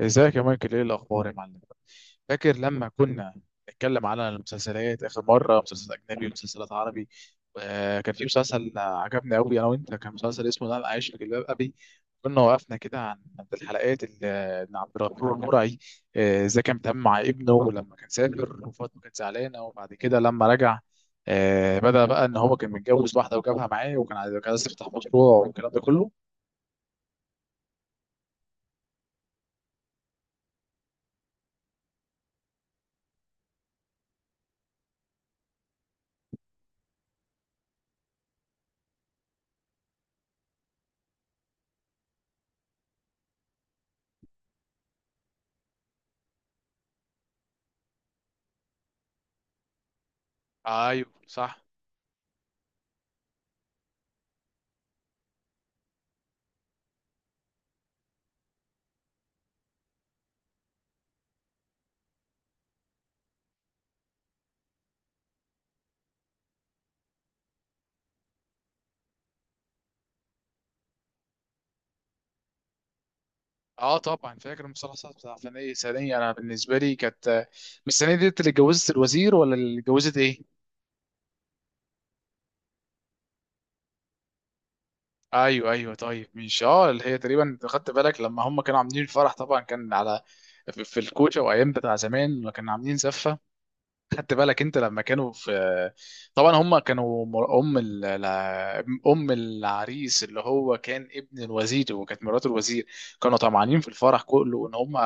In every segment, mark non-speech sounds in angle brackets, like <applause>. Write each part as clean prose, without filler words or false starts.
ازيك يا مايكل، ايه الاخبار يا معلم؟ فاكر لما كنا نتكلم على المسلسلات اخر مره، مسلسل اجنبي ومسلسلات عربي؟ كان في مسلسل عجبني قوي انا وانت، كان مسلسل اسمه انا عايش في جلباب ابي. كنا وقفنا كده عن عند الحلقات اللي إن عبد الغفور المرعي، ازاي كان بيتعامل مع ابنه، ولما كان سافر وفاطمه كانت زعلانه، وبعد كده لما رجع بدأ بقى ان هو كان متجوز واحده وجابها معاه، وكان كان عايز يفتح مشروع والكلام ده كله. ايوه صح. اه طبعا فاكر. المسلسلات بتاع ثانية انا بالنسبة لي كانت مش الثانية ديت اللي اتجوزت الوزير، ولا اللي اتجوزت ايه؟ ايوه ايوه، طيب مش اه اللي هي تقريبا أنت خدت بالك لما هم كانوا عاملين الفرح؟ طبعا كان على في الكوشه، وايام بتاع زمان لما كانوا عاملين زفه. خدت بالك انت لما كانوا في، طبعا هم كانوا مر- ام ال... لا- ام العريس اللي هو كان ابن الوزير، وكانت مرات الوزير كانوا طمعانين في الفرح كله، ان هم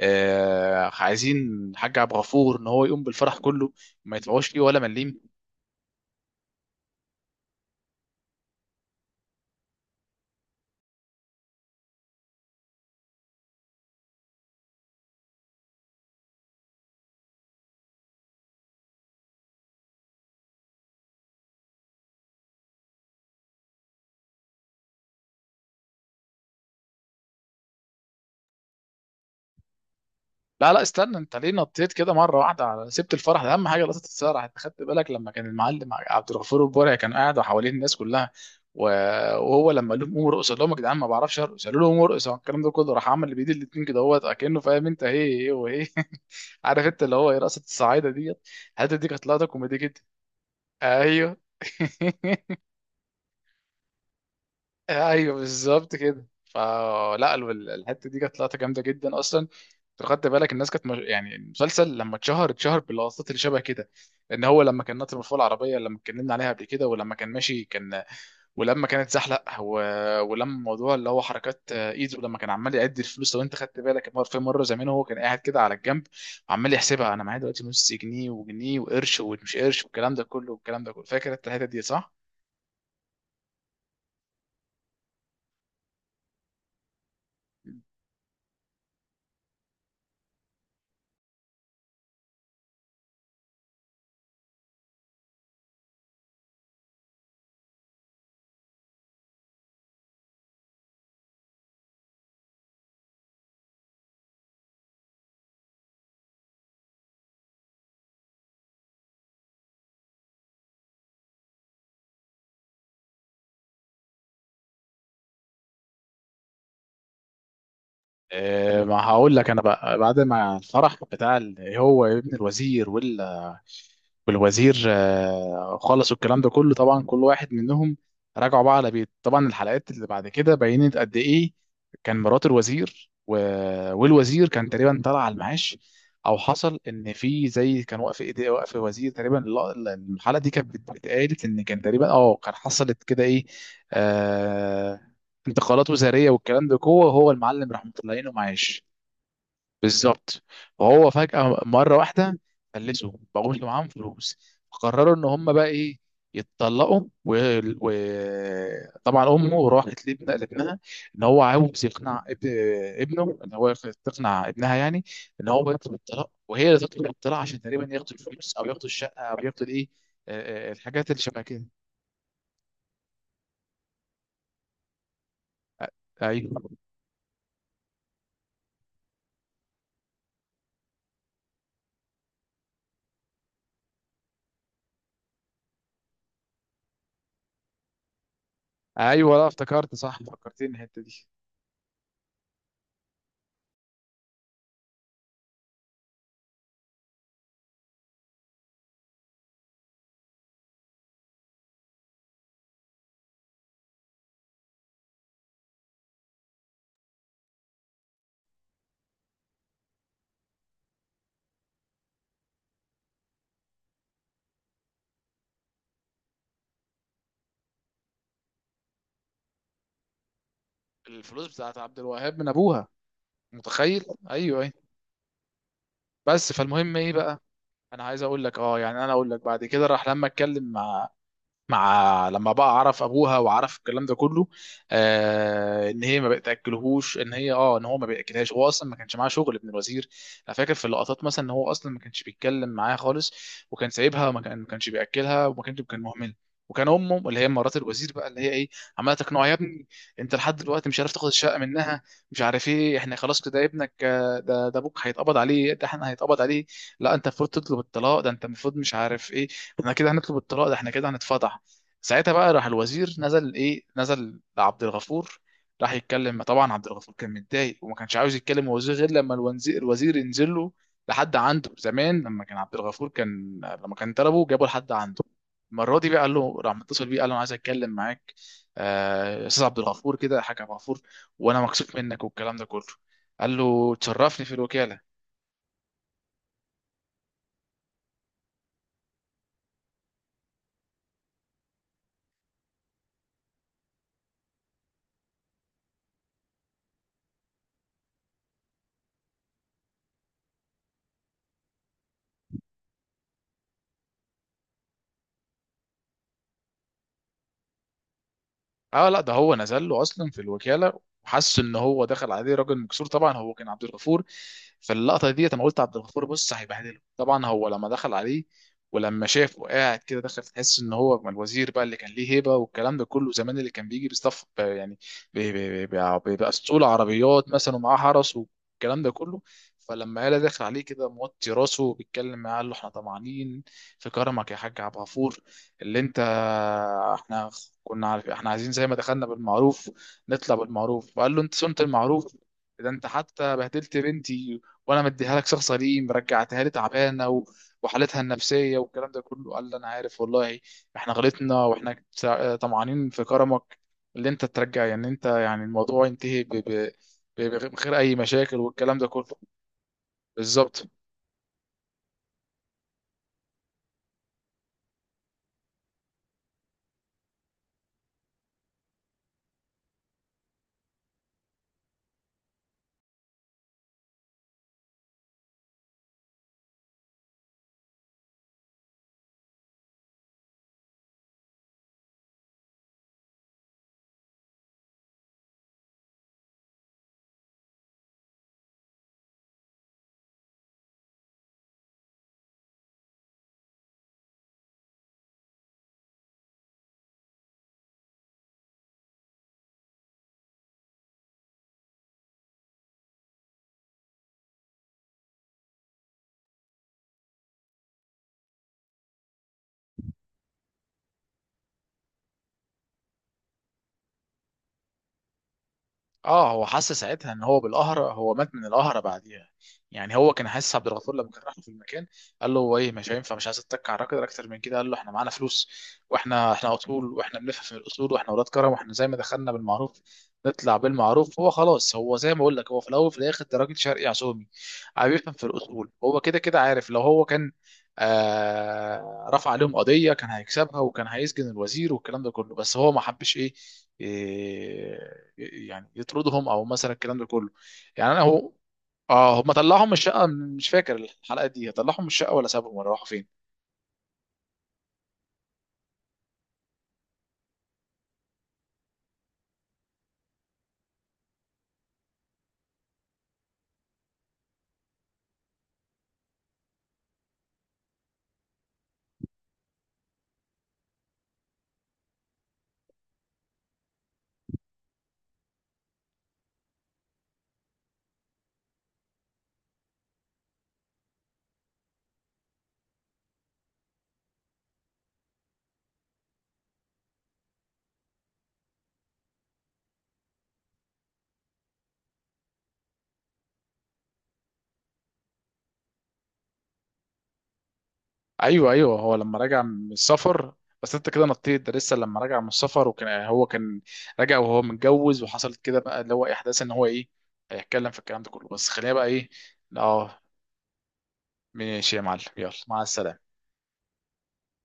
عايزين الحاج عبد الغفور ان هو يقوم بالفرح كله، ما يدفعوش فيه ولا مليم. لا لا، استنى، انت ليه نطيت كده مره واحده على سبت الفرح؟ ده اهم حاجه لقطه الفرح. انت خدت بالك لما كان المعلم عبد الغفور البرعي كان قاعد وحواليه الناس كلها و- وهو لما قال لهم قوموا ارقصوا، قال لهم يا جدعان ما بعرفش ارقص، قالوا له قوموا ارقصوا، الكلام ده كله راح عمل بايد الاتنين كده هو كانه فاهم، انت ايه ايه وايه <laughs> عارف انت اللي هو ايه، رقصه الصعايده ديت. الحته دي كانت لقطه كوميدي جدا. ايوه <laughs> ايوه بالظبط كده. الحته دي كانت لقطه جامده جدا اصلا. لو خدت بالك الناس كانت مش... يعني المسلسل لما اتشهر اتشهر باللقطات اللي شبه كده. ان هو لما كان ناطر من فوق العربيه اللي لما اتكلمنا عليها قبل كده، ولما كان ماشي كان، ولما ولما موضوع اللي هو حركات ايده لما كان عمال يعد الفلوس. لو انت خدت بالك في مره زمان هو كان قاعد كده على الجنب، وعمال يحسبها انا معايا دلوقتي نص جنيه وجنيه وقرش ومش قرش، والكلام ده كله، فاكر انت الحته دي صح؟ ما هقول لك انا بقى. بعد ما الفرح بتاع هو ابن الوزير والوزير خلصوا الكلام ده كله، طبعا كل واحد منهم راجعوا بقى على بيت. طبعا الحلقات اللي بعد كده بينت قد ايه كان مرات والوزير كان تقريبا طلع على المعاش، او حصل ان في زي كان واقف ايديه واقف وزير تقريبا الحلقه دي بتقالت ان كان تقريبا اه كان حصلت كده ايه، آه، انتقالات وزاريه والكلام ده جوه، هو المعلم راح مطلعينه معاش. بالظبط. وهو فجاه مره واحده فلسوا بقوش معاهم فلوس، فقرروا ان هم بقى ايه، يتطلقوا. وطبعا طبعاً امه راحت لابنها ان هو عاوز يقنع ابن ابنه ان هو يق- تقنع ابنها يعني، ان هو يطلب الطلاق، وهي اللي تطلب الطلاق عشان تقريبا ياخدوا الفلوس او ياخدوا الشقه او ياخدوا الايه، الحاجات اللي شبه كده. ايوه ايوه، لا افتكرت صح، فكرتني الحته دي. الفلوس بتاعت عبد الوهاب من ابوها، متخيل؟ ايوه ايوه. بس فالمهم ايه بقى، انا عايز اقول لك اه يعني انا اقول لك. بعد كده راح لما اتكلم مع لما بقى عرف ابوها وعرف الكلام ده كله آه ان هي ما بتاكلهوش، ان هي اه ان هو ما بياكلهاش، هو اصلا ما كانش معاه شغل ابن الوزير. انا فاكر في اللقطات مثلا ان هو اصلا ما كانش بيتكلم معاها خالص، وكان سايبها، وما كان ما كانش بياكلها، وما كانش كان مهمل. وكان امه اللي هي مرات الوزير بقى اللي هي ايه، عماله تقنعه يا ابني، انت لحد دلوقتي مش عارف تاخد الشقه منها، مش عارف ايه، احنا خلاص كده ابنك ده ابوك هيتقبض عليه، ده احنا هيتقبض عليه، لا انت المفروض تطلب الطلاق، ده انت المفروض مش عارف ايه، احنا كده هنطلب الطلاق، ده احنا كده هنتفضح. ساعتها بقى راح الوزير نزل ايه، نزل لعبد الغفور، راح يتكلم. طبعا عبد الغفور كان متضايق وما كانش عاوز يتكلم مع الوزير غير لما الوزير ينزل له لحد عنده. زمان لما كان عبد الغفور كان لما كان طلبه جابه لحد عنده، المره دي بقى قال له، راح متصل بيه قال له انا عايز اتكلم معاك يا استاذ عبد الغفور كده يا حاج عبد الغفور، وانا مكسوف منك والكلام ده كله، قال له تشرفني في الوكاله. اه لا، ده هو نزل له اصلا في الوكاله، وحس ان هو دخل عليه راجل مكسور. طبعا هو كان عبد الغفور، فاللقطه دي انا قلت عبد الغفور بص هيبهدله. طبعا هو لما دخل عليه ولما شافه قاعد كده دخل، تحس ان هو من الوزير بقى اللي كان ليه هيبه والكلام ده كله زمان، اللي كان بيجي بيصطف يعني بيبقى اسطول عربيات مثلا ومعاه فرس والكلام ده كله. فلما قال دخل عليه كده موطي راسه وبيتكلم معاه، قال له احنا طمعانين في كرمك يا حاج عبد الغفور، اللي انت، احنا كنا عارف احنا عايزين زي ما دخلنا بالمعروف نطلع بالمعروف. فقال له انت صنت المعروف؟ ده انت حتى بهدلت بنتي، وانا مديها لك شخص غريب رجعتها لي تعبانه، وحالتها النفسيه والكلام ده كله. قال لي انا عارف والله احنا غلطنا، طمعانين في كرمك اللي انت ترجع، يعني انت يعني الموضوع ينتهي بغير اي مشاكل والكلام ده كله. بالظبط. اه هو حس ساعتها ان هو بالقهرة، هو مات من القهرة بعديها يعني. هو كان حاسس عبد الغفور لما كان راح له في المكان، قال له هو ايه مش هينفع، مش عايز اتك على الراجل اكتر من كده. قال له احنا معانا فلوس، واحنا اصول، واحنا بنفهم في الاصول، واحنا ولاد كرم، واحنا زي ما دخلنا بالمعروف نطلع بالمعروف. هو خلاص، هو زي ما اقول لك هو في الاول وفي الاخر ده راجل شرقي عزومي، عم بيفهم في الاصول. هو كده كده عارف لو هو كان رفع عليهم قضية كان هيكسبها وكان هيسجن الوزير والكلام ده كله، بس هو ما حبش ايه، إيه، يعني يطردهم او مثلا الكلام ده كله. يعني انا هو اه هم طلعهم من الشقة؟ مش فاكر الحلقة دي، طلعهم من الشقة ولا سابهم ولا راحوا فين؟ ايوه ايوه، هو لما رجع من السفر. بس انت كده نطيت، ده لسه لما رجع من السفر وكان هو كان راجع وهو متجوز، وحصلت كده بقى اللي هو احداث ان هو ايه، هيتكلم في الكلام ده كله. بس خلينا بقى ايه، اه، ماشي يا معلم، يلا مع السلامة.